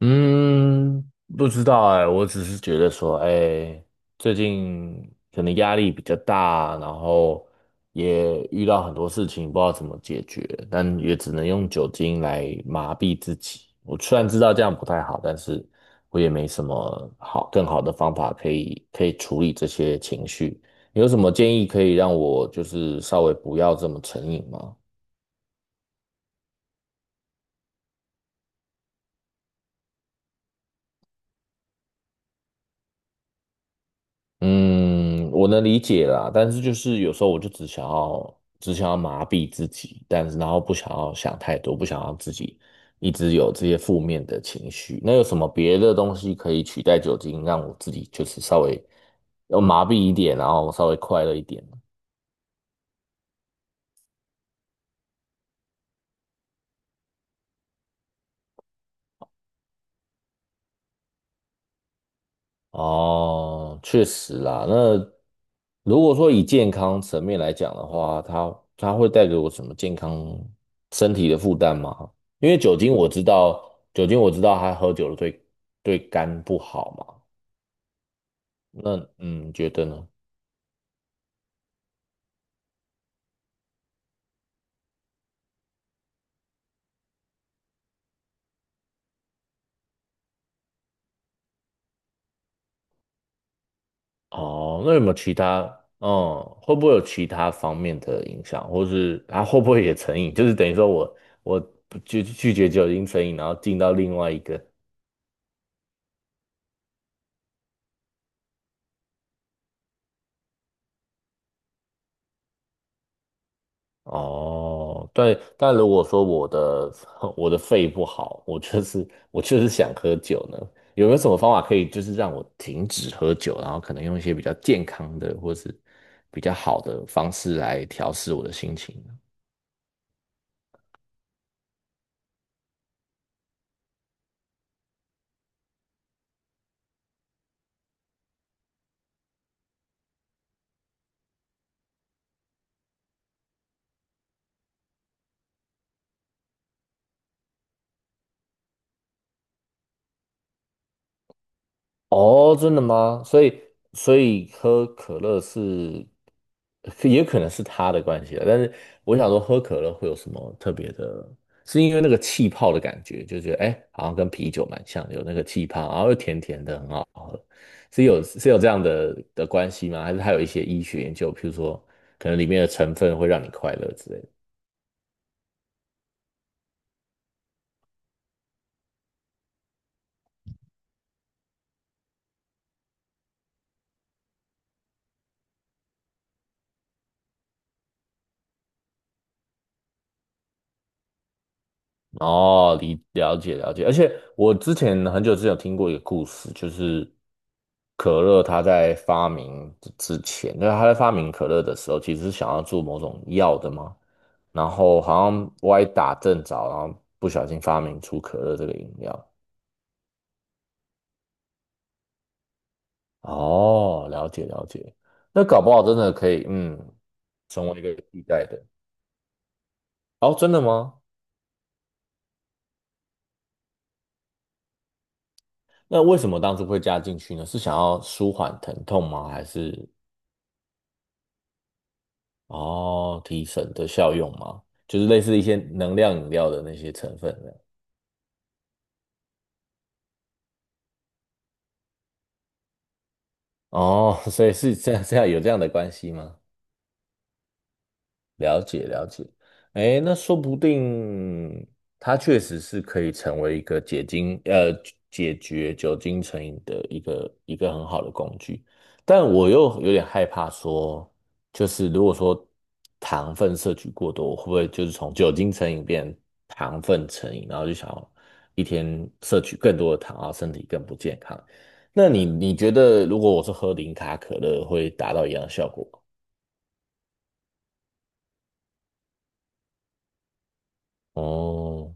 嗯，不知道哎，我只是觉得说，哎，最近可能压力比较大，然后也遇到很多事情，不知道怎么解决，但也只能用酒精来麻痹自己。我虽然知道这样不太好，但是我也没什么好更好的方法可以处理这些情绪。你有什么建议可以让我就是稍微不要这么成瘾吗？嗯，我能理解啦，但是就是有时候我就只想要麻痹自己，但是然后不想要想太多，不想要自己一直有这些负面的情绪。那有什么别的东西可以取代酒精，让我自己就是稍微要麻痹一点，然后稍微快乐一点？哦，确实啦。那如果说以健康层面来讲的话，它会带给我什么健康身体的负担吗？因为酒精我知道，酒精我知道它喝酒了对肝不好嘛。那你觉得呢？哦，那有没有其他？嗯，会不会有其他方面的影响，或是它会不会也成瘾？就是等于说我拒绝酒精成瘾，然后进到另外一个。哦，对，但如果说我的 我的肺不好，我就是 我就是想喝酒呢，有没有什么方法可以就是让我停止喝酒，然后可能用一些比较健康的或是比较好的方式来调试我的心情呢？哦，真的吗？所以，所以喝可乐是，可也可能是他的关系了。但是我想说，喝可乐会有什么特别的？是因为那个气泡的感觉，就觉得哎，诶好像跟啤酒蛮像的，有那个气泡，然后又甜甜的，很好喝。是有这样的关系吗？还是它有一些医学研究，譬如说可能里面的成分会让你快乐之类的？哦，理了解了解，而且我之前很久之前有听过一个故事，就是可乐它在发明之前，那是它在发明可乐的时候，其实是想要做某种药的嘛，然后好像歪打正着，然后不小心发明出可乐这个饮料。哦，了解了解，那搞不好真的可以，成为一个替代的。哦，真的吗？那为什么当初会加进去呢？是想要舒缓疼痛吗？还是？哦，提神的效用吗？就是类似一些能量饮料的那些成分的。哦，所以是这样，这样有这样的关系吗？了解了解，哎，那说不定它确实是可以成为一个解决酒精成瘾的一个很好的工具，但我又有点害怕说，就是如果说糖分摄取过多，会不会就是从酒精成瘾变糖分成瘾，然后就想要一天摄取更多的糖，啊，身体更不健康？那你觉得如果我是喝零卡可乐，会达到一样的效果吗？哦。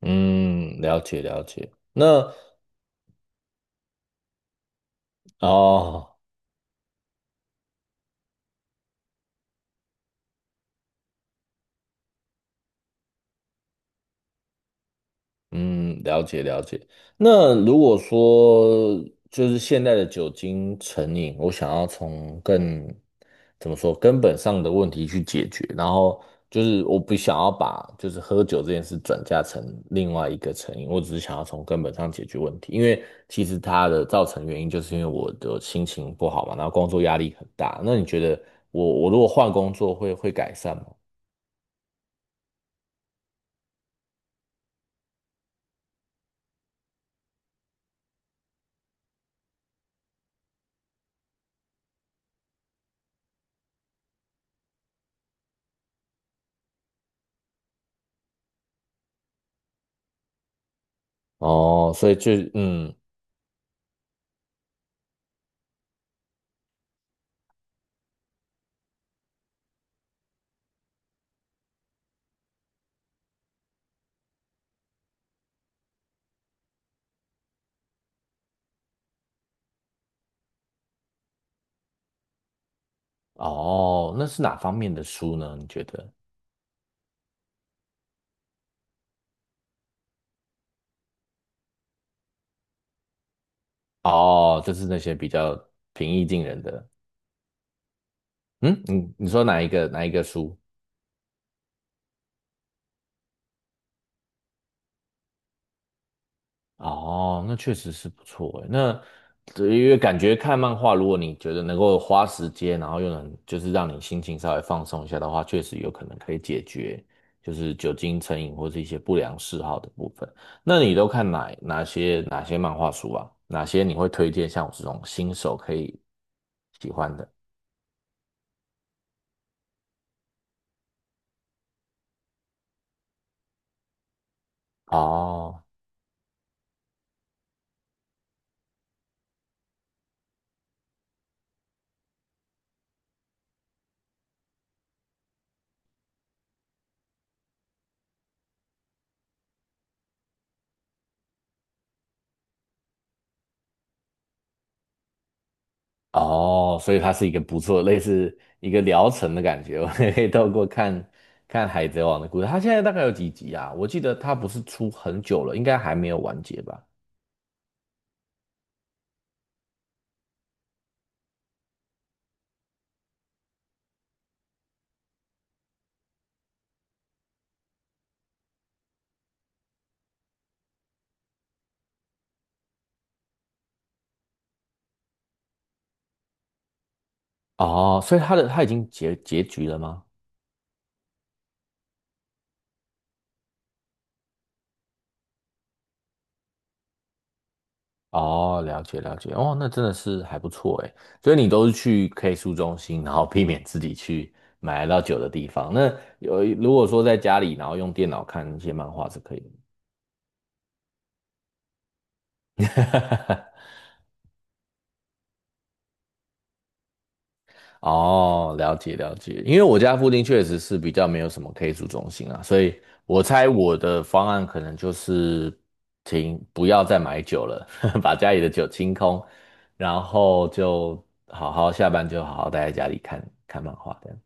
嗯，了解了解。那哦，嗯，了解了解。那如果说就是现在的酒精成瘾，我想要从更怎么说根本上的问题去解决，然后就是我不想要把就是喝酒这件事转嫁成另外一个成瘾，我只是想要从根本上解决问题，因为其实它的造成原因就是因为我的心情不好嘛，然后工作压力很大。那你觉得我如果换工作会改善吗？哦，所以就哦，那是哪方面的书呢？你觉得？哦，就是那些比较平易近人的。嗯，你说哪一个书？哦，那确实是不错诶。那对因为感觉看漫画，如果你觉得能够花时间，然后又能就是让你心情稍微放松一下的话，确实有可能可以解决就是酒精成瘾或是一些不良嗜好的部分。那你都看哪些漫画书啊？哪些你会推荐像我这种新手可以喜欢的？哦。哦，所以它是一个不错，类似一个疗程的感觉。我们可以透过看看《海贼王》的故事。它现在大概有几集啊？我记得它不是出很久了，应该还没有完结吧？哦，所以它的它已经结局了吗？哦，了解了解。哦，那真的是还不错诶。所以你都是去 K 书中心，然后避免自己去买到酒的地方。那有如果说在家里，然后用电脑看一些漫画是可以的。哦，了解了解，因为我家附近确实是比较没有什么 K 组中心啊，所以我猜我的方案可能就是停，不要再买酒了，把家里的酒清空，然后就好好下班就好好待在家里看看漫画这样。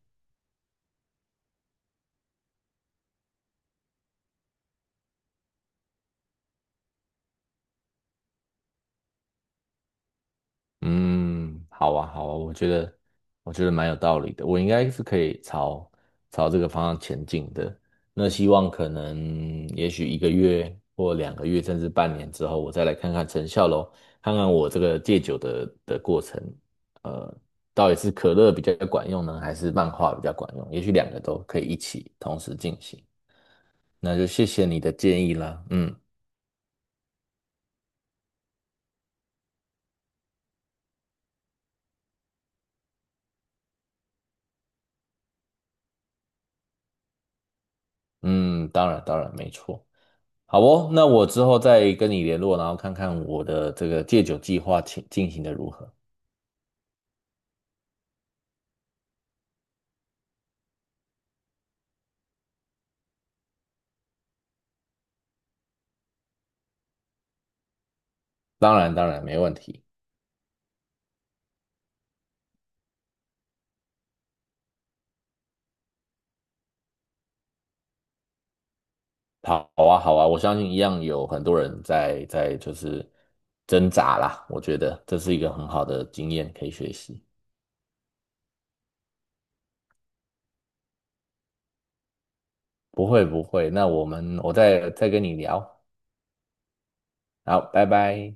嗯，好啊，好啊，我觉得蛮有道理的，我应该是可以朝这个方向前进的。那希望可能也许一个月或两个月，甚至半年之后，我再来看看成效咯，看看我这个戒酒的过程，呃，到底是可乐比较管用呢，还是漫画比较管用？也许两个都可以一起同时进行。那就谢谢你的建议啦，嗯嗯，当然当然没错。好哦，那我之后再跟你联络，然后看看我的这个戒酒计划进行的如何。当然，当然没问题。好啊，好啊，我相信一样有很多人在就是挣扎啦。我觉得这是一个很好的经验可以学习。不会不会，那我们我再跟你聊。好，拜拜。